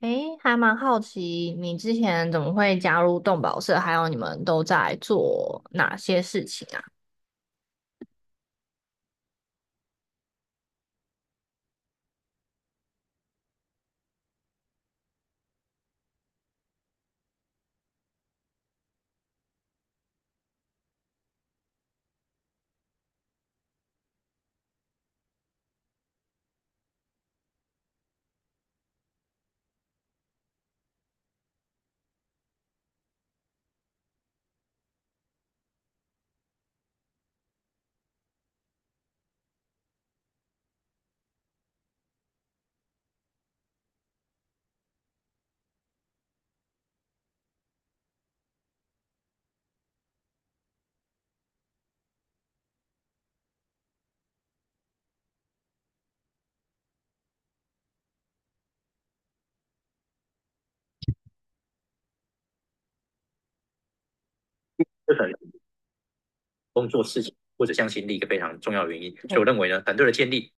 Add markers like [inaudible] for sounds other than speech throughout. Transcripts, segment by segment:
诶，还蛮好奇你之前怎么会加入动保社，还有你们都在做哪些事情啊？这很工作事情或者向心力一个非常重要的原因。所以我认为呢，团队的建立，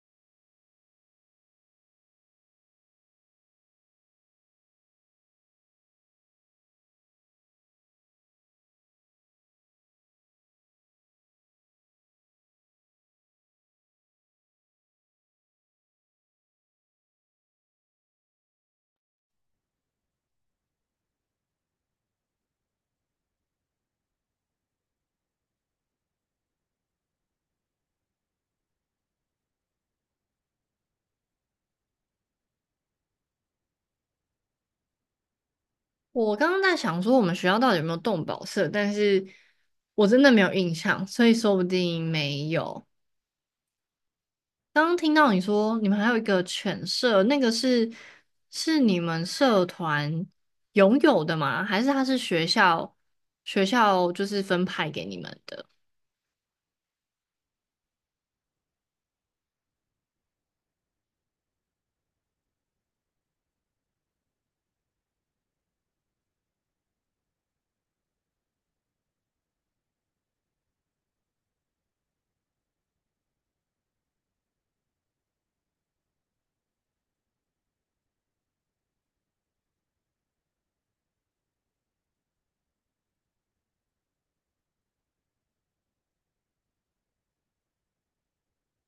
我刚刚在想说我们学校到底有没有动保社，但是我真的没有印象，所以说不定没有。刚刚听到你说你们还有一个犬舍，那个是是你们社团拥有的吗？还是它是学校就是分派给你们的？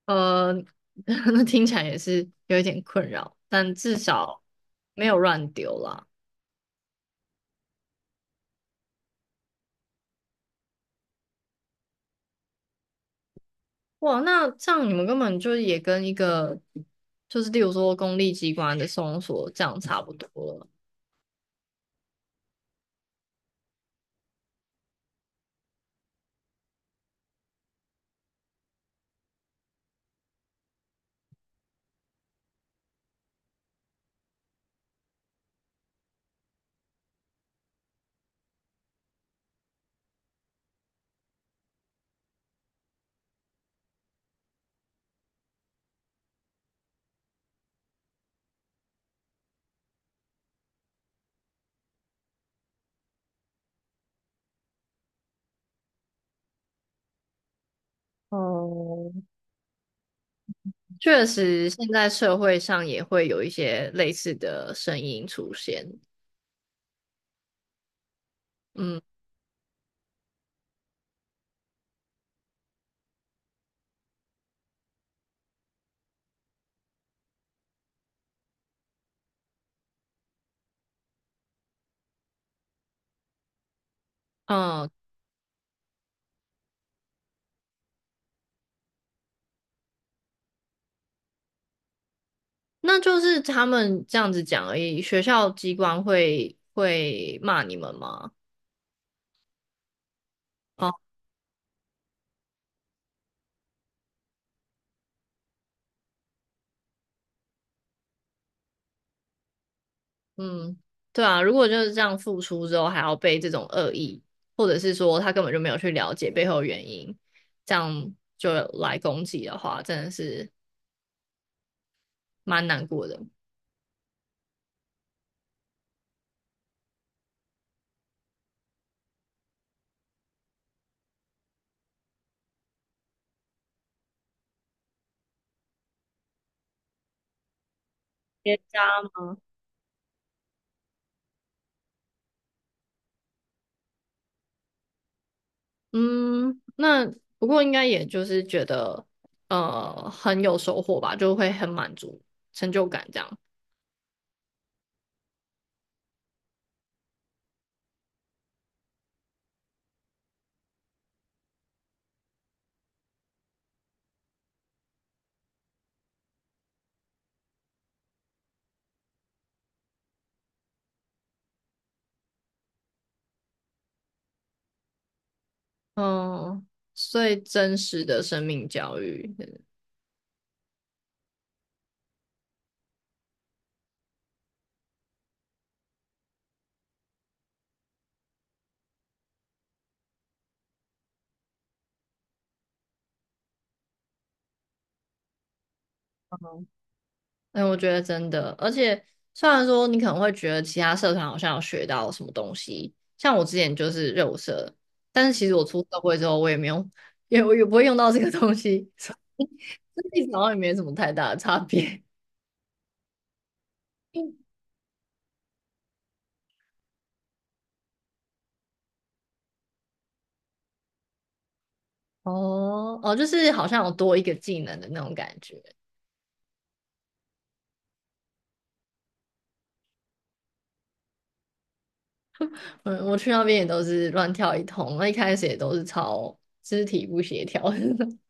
呃，[laughs] 那听起来也是有一点困扰，但至少没有乱丢啦。哇，那这样你们根本就也跟一个，就是例如说公立机关的搜索这样差不多了。哦，确实，现在社会上也会有一些类似的声音出现。嗯嗯，那就是他们这样子讲而已。学校机关会骂你们吗？嗯，对啊，如果就是这样付出之后还要被这种恶意，或者是说他根本就没有去了解背后的原因，这样就来攻击的话，真的是蛮难过的。结扎吗？嗯，那不过应该也就是觉得很有收获吧，就会很满足、成就感这样。嗯，所以真实的生命教育。哎，我觉得真的，而且虽然说你可能会觉得其他社团好像有学到什么东西，像我之前就是热舞社，但是其实我出社会之后，我也没有，我也不会用到这个东西，[laughs] 所以这其实好像也没什么太大的差别。[laughs] 哦哦，就是好像有多一个技能的那种感觉。嗯，我去那边也都是乱跳一通，那一开始也都是超肢体不协调。[laughs]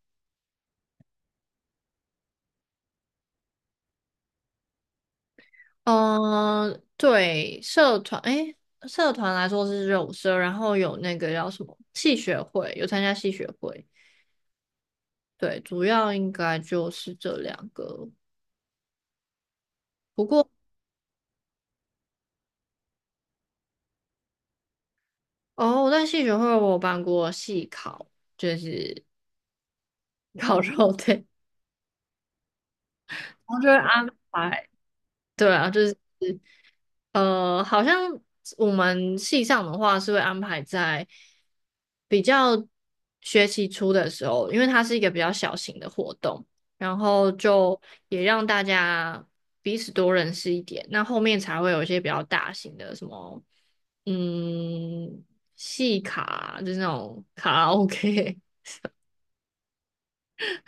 嗯，对，社团，诶，社团来说是肉社，然后有那个叫什么戏学会，有参加戏学会，对，主要应该就是这两个。不过，哦，我在戏学会我有办过戏考，就是 [laughs] 烤肉，[laughs] 对，然后就安排，对啊，就是。好像我们系上的话是会安排在比较学期初的时候，因为它是一个比较小型的活动，然后就也让大家彼此多认识一点。那后面才会有一些比较大型的什么，嗯，系卡，就是那种卡拉 OK。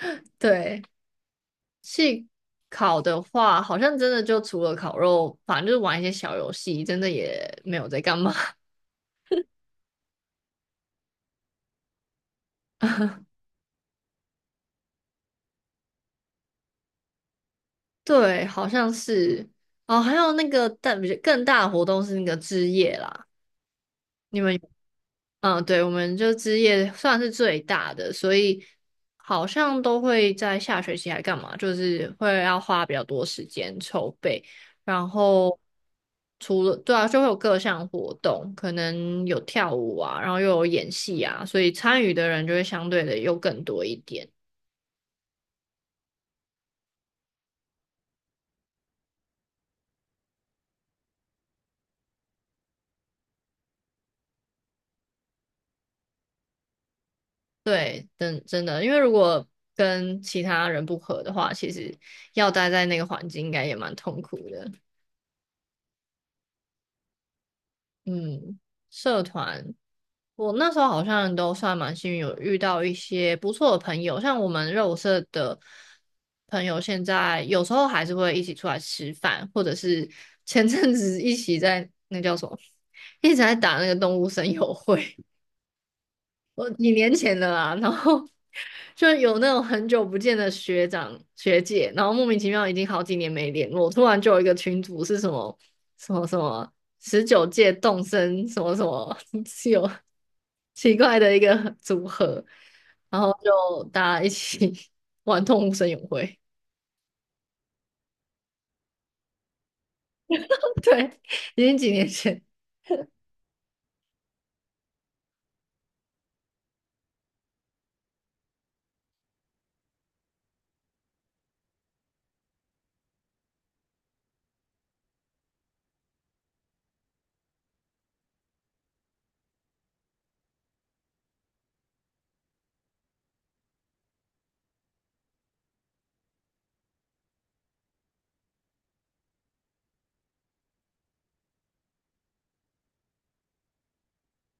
[laughs] 对，系考的话，好像真的就除了烤肉，反正就是玩一些小游戏，真的也没有在干嘛。对，好像是哦，还有那个但比较更大的活动是那个之夜啦，你们有嗯，对，我们就之夜算是最大的，所以好像都会在下学期还干嘛，就是会要花比较多时间筹备，然后除了对啊，就会有各项活动，可能有跳舞啊，然后又有演戏啊，所以参与的人就会相对的又更多一点。对，真的，因为如果跟其他人不合的话，其实要待在那个环境应该也蛮痛苦的。嗯，社团，我那时候好像都算蛮幸运，有遇到一些不错的朋友，像我们肉舞社的朋友，现在有时候还是会一起出来吃饭，或者是前阵子一起在那叫什么，[laughs] 一直在打那个动物森友会。我几年前的啦，然后就有那种很久不见的学长学姐，然后莫名其妙已经好几年没联络，突然就有一个群组是什么什么19届动森什么什么，[laughs] 是有奇怪的一个组合，然后就大家一起 [laughs] 玩动物森友会，[laughs] 对，已经几年前。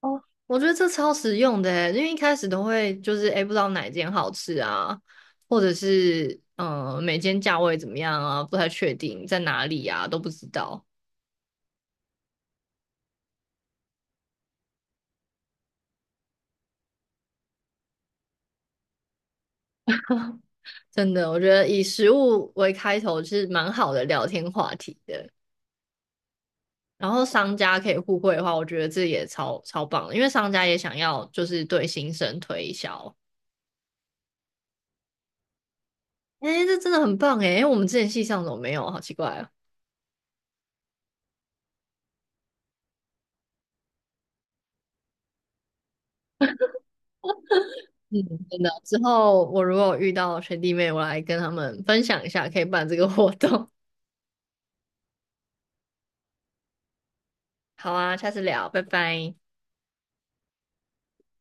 哦，我觉得这超实用的欸，因为一开始都会就是哎诶不知道哪间好吃啊，或者是嗯、每间价位怎么样啊，不太确定在哪里啊，都不知道。真的，我觉得以食物为开头是蛮好的聊天话题的。然后商家可以互惠的话，我觉得这也超超棒的，因为商家也想要就是对新生推销。哎，这真的很棒哎，因为我们之前系上怎么没有啊？好奇怪哦。嗯，真的。之后我如果遇到学弟妹，我来跟他们分享一下，可以办这个活动。[laughs] 好啊，下次聊，拜拜。